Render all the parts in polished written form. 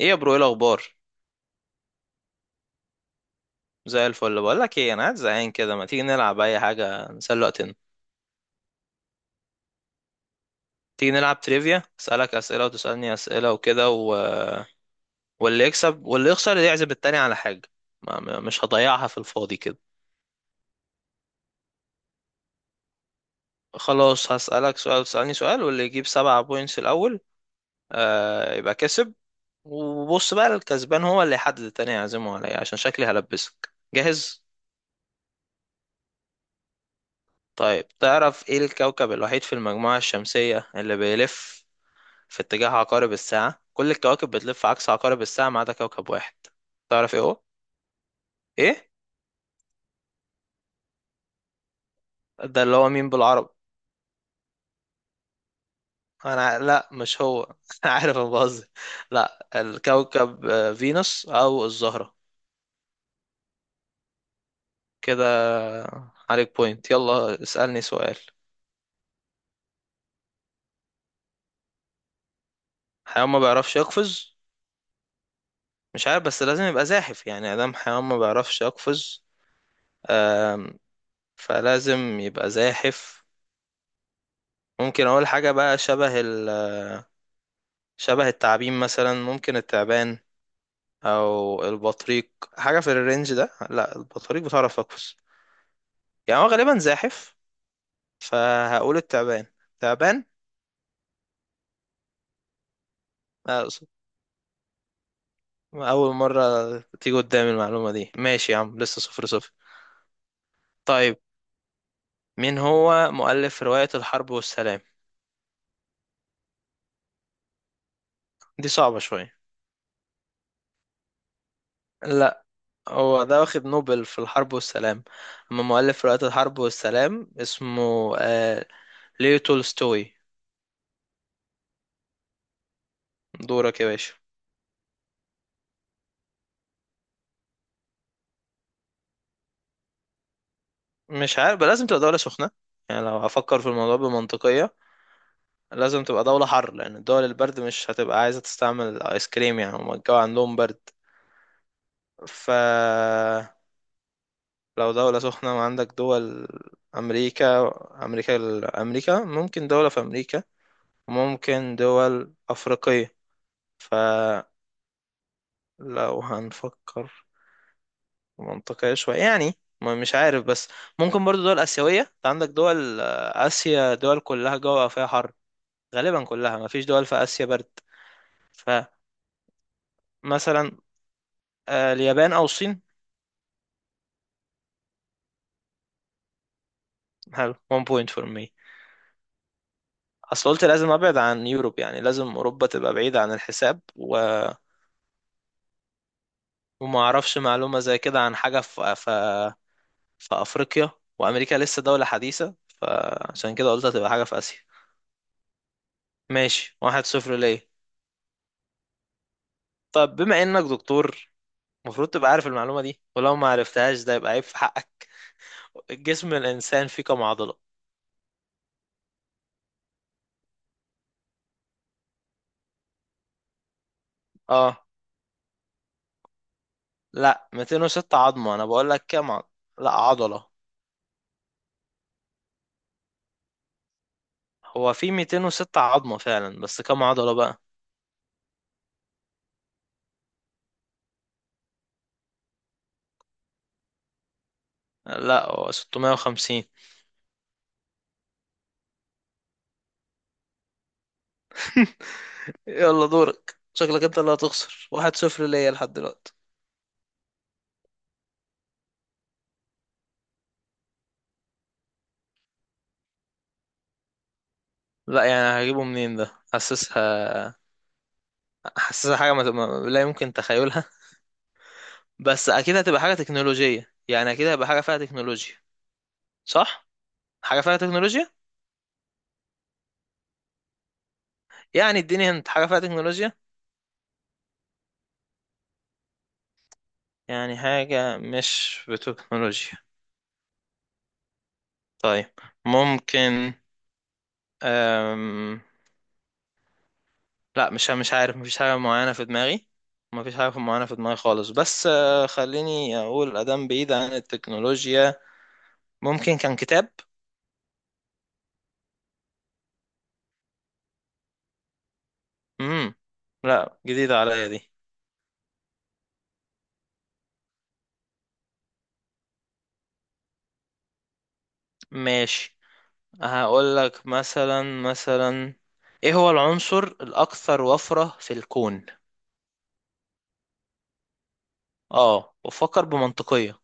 ايه يا برو؟ ايه الاخبار؟ زي الفل. بقول لك ايه، انا قاعد زهقان كده. ما تيجي نلعب اي حاجه نسلي وقتنا. تيجي نلعب تريفيا، اسالك اسئله وتسالني اسئله وكده واللي يكسب واللي يخسر يعزم التاني على حاجه. مش هضيعها في الفاضي كده. خلاص، هسالك سؤال وتسالني سؤال، واللي يجيب سبعة بوينتس الاول آه يبقى كسب. وبص بقى، الكسبان هو اللي يحدد التاني يعزمه على ايه، عشان شكلي هلبسك جاهز. طيب، تعرف ايه الكوكب الوحيد في المجموعه الشمسيه اللي بيلف في اتجاه عقارب الساعة؟ كل الكواكب بتلف عكس عقارب الساعة ما عدا كوكب واحد. تعرف ايه هو؟ ايه؟ ده اللي هو مين بالعربي؟ لا مش هو. انا عارف، انا بهزر. لا الكوكب فينوس او الزهرة. كده عليك بوينت. يلا اسألني سؤال. حيوان ما بيعرفش يقفز؟ مش عارف، بس لازم يبقى زاحف. يعني ادام حيوان ما بيعرفش يقفز. آم، فلازم يبقى زاحف. ممكن اقول حاجة بقى شبه شبه التعابين مثلا. ممكن التعبان او البطريق، حاجه في الرينج ده. لا البطريق بتعرف تقفز. يعني هو غالبا زاحف، فهقول التعبان. تعبان. لا، أقصد اول مره تيجي قدامي المعلومه دي. ماشي يا عم، لسه صفر صفر. طيب، مين هو مؤلف روايه الحرب والسلام؟ دي صعبه شويه. لا، هو ده واخد نوبل في الحرب والسلام، اما مؤلف روايه الحرب والسلام اسمه ليو تولستوي. دورك يا باشا. مش عارف بقى، لازم تبقى دوله سخنه. يعني لو هفكر في الموضوع بمنطقيه، لازم تبقى دولة حر، لأن الدول البرد مش هتبقى عايزة تستعمل الآيس كريم، يعني هما الجو عندهم برد. ف لو دولة سخنة وعندك دول أمريكا أمريكا أمريكا، ممكن دولة في أمريكا، ممكن دول أفريقية. فلو هنفكر منطقية شوية يعني، مش عارف. بس ممكن برضو دول آسيوية. أنت عندك دول آسيا، دول كلها جوها فيها حر. غالبا كلها، مفيش دول في آسيا برد. فمثلا اليابان أو الصين. حلو, 1 point for me. اصل قلت لازم ابعد عن يوروب، يعني لازم اوروبا تبقى بعيدة عن الحساب وما اعرفش معلومة زي كده عن حاجة في في افريقيا. وامريكا لسه دولة حديثة، فعشان كده قلت هتبقى حاجة في اسيا. ماشي، واحد صفر ليه. طب بما انك دكتور، المفروض تبقى عارف المعلومة دي، ولو ما عرفتهاش ده يبقى عيب في حقك. جسم الانسان فيه كم عضلة؟ اه، لا 206 عظمة، انا بقول لك كم عضلة. لا عضلة. هو في 206 عظمة فعلا، بس كم عضلة بقى؟ لا، هو 650. يلا دورك، شكلك انت اللي هتخسر. واحد صفر ليا لحد دلوقتي. لا يعني هجيبه منين ده؟ حاسسها، حاسسها حاجة لا يمكن تخيلها. بس أكيد هتبقى حاجة تكنولوجية، يعني أكيد هيبقى حاجة فيها تكنولوجيا، صح؟ حاجة فيها تكنولوجيا؟ يعني اديني انت حاجة فيها تكنولوجيا؟ يعني حاجة مش بتكنولوجيا. طيب، ممكن أم... لا، مش عارف. مفيش حاجة معينة في دماغي، مفيش حاجة معينة في دماغي خالص. بس خليني أقول أدام بعيد عن التكنولوجيا. ممكن كان كتاب. امم، لا جديدة عليا دي. ماشي، هقول لك مثلا، ايه هو العنصر الأكثر وفرة في الكون؟ اه، وفكر بمنطقية.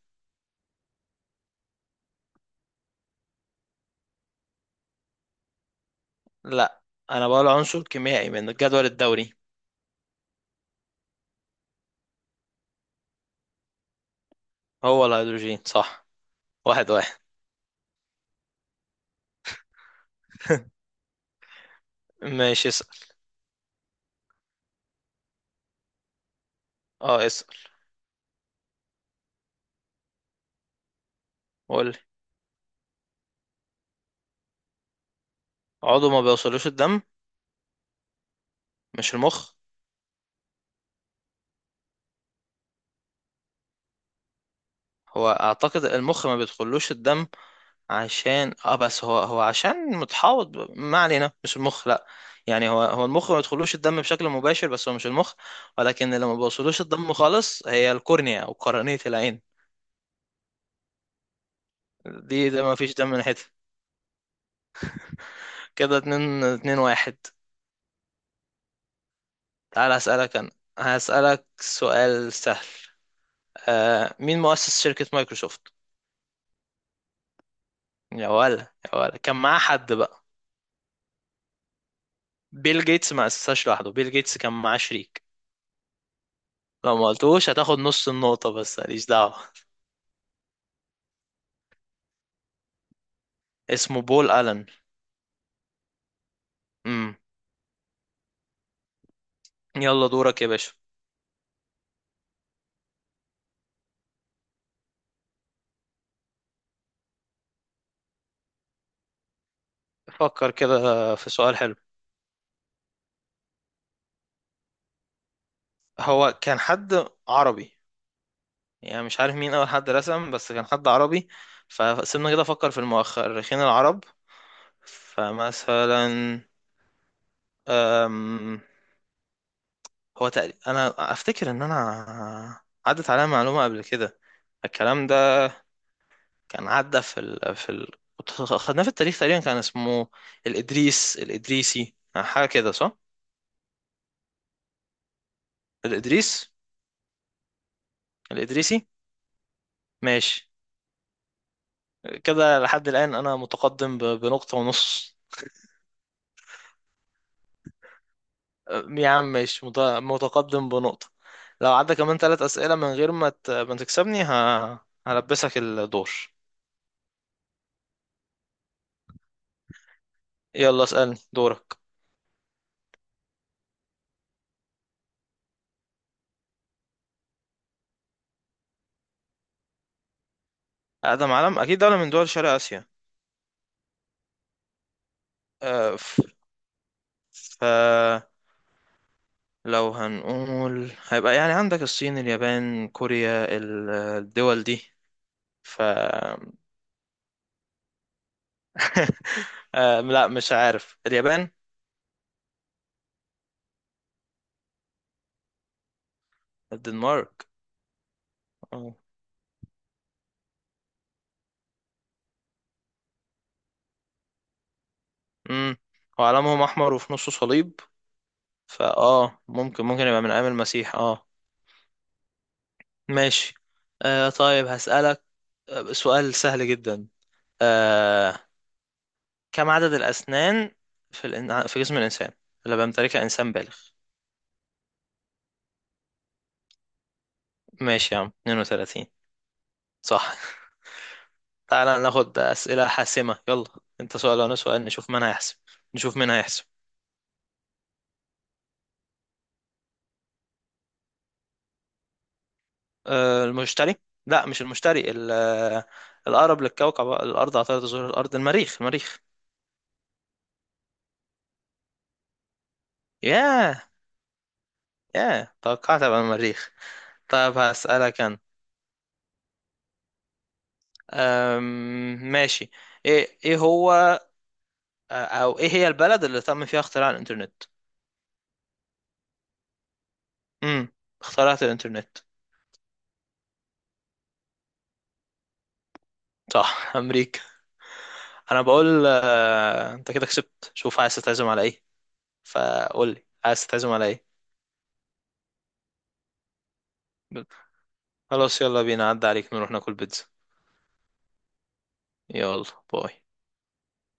لا، انا بقول عنصر كيميائي من الجدول الدوري. هو الهيدروجين صح. واحد واحد. ماشي، اسأل. اه اسأل. قول لي، عضو ما بيوصلوش الدم؟ مش المخ؟ هو اعتقد المخ ما بيدخلوش الدم عشان اه، بس هو عشان متحوط ما علينا، مش المخ لا. يعني هو المخ ما بيدخلوش الدم بشكل مباشر، بس هو مش المخ. ولكن اللي ما بيوصلوش الدم خالص هي الكورنيا او قرنية العين. دي ده ما فيش دم ناحيتها. كده اتنين اتنين واحد. تعال اسألك انا، هسألك سؤال سهل. آه، مين مؤسس شركة مايكروسوفت؟ يا ولا، يا ولا كان معاه حد بقى؟ بيل جيتس ما اسسهاش لوحده، بيل جيتس كان معاه شريك. لو ما قلتوش هتاخد نص النقطة، بس ماليش دعوة. اسمه بول ألن. امم، يلا دورك يا باشا. فكر كده في سؤال حلو. هو كان حد عربي، يعني مش عارف مين أول حد رسم، بس كان حد عربي. فسيبنا كده أفكر في المؤرخين العرب. فمثلا أم، هو تقريبا أنا أفتكر إن أنا عدت عليا معلومة قبل كده، الكلام ده كان عدى خدناه في التاريخ، تقريبا كان اسمه الإدريسي، حاجة كده صح؟ الإدريس الإدريسي. ماشي. كده لحد الآن أنا متقدم بنقطة ونص. يا عم ماشي، متقدم بنقطة. لو عدى كمان ثلاث أسئلة من غير ما ما تكسبني هلبسك الدور. يلا اسألني دورك. أقدم علم، أكيد دولة من دول شرق آسيا. أه فلو هنقول، هيبقى يعني عندك الصين، اليابان، كوريا، الدول دي. ف أه لا مش عارف، اليابان. الدنمارك؟ أه. امم، وعلمهم احمر وفي نصه صليب. فاه، ممكن ممكن يبقى من ايام المسيح اه. ماشي. آه طيب هسألك سؤال سهل جدا. آه، كم عدد الاسنان في في جسم الانسان اللي بيمتلكها انسان بالغ؟ ماشي يا عم، 32. صح. تعالى ناخد اسئله حاسمه يلا. انت سؤال وانا سؤال، نشوف مين هيحسب. نشوف مين هيحسب. آه المشتري. لا مش المشتري، الاقرب للكوكب الارض على طارة زهور الارض، المريخ، المريخ. ياه. ياه، توقعت ابقى المريخ. طيب هسألك انا ماشي، ايه هو او ايه هي البلد اللي تم فيها اختراع الانترنت؟ امم، اخترعت الانترنت. صح. امريكا، انا بقول. آه، انت كده كسبت، شوف عايز تتعزم على ايه. فقول لي عايز تتعزم على ايه. خلاص يلا بينا، عدى عليك، نروح ناكل بيتزا. يلا. باي.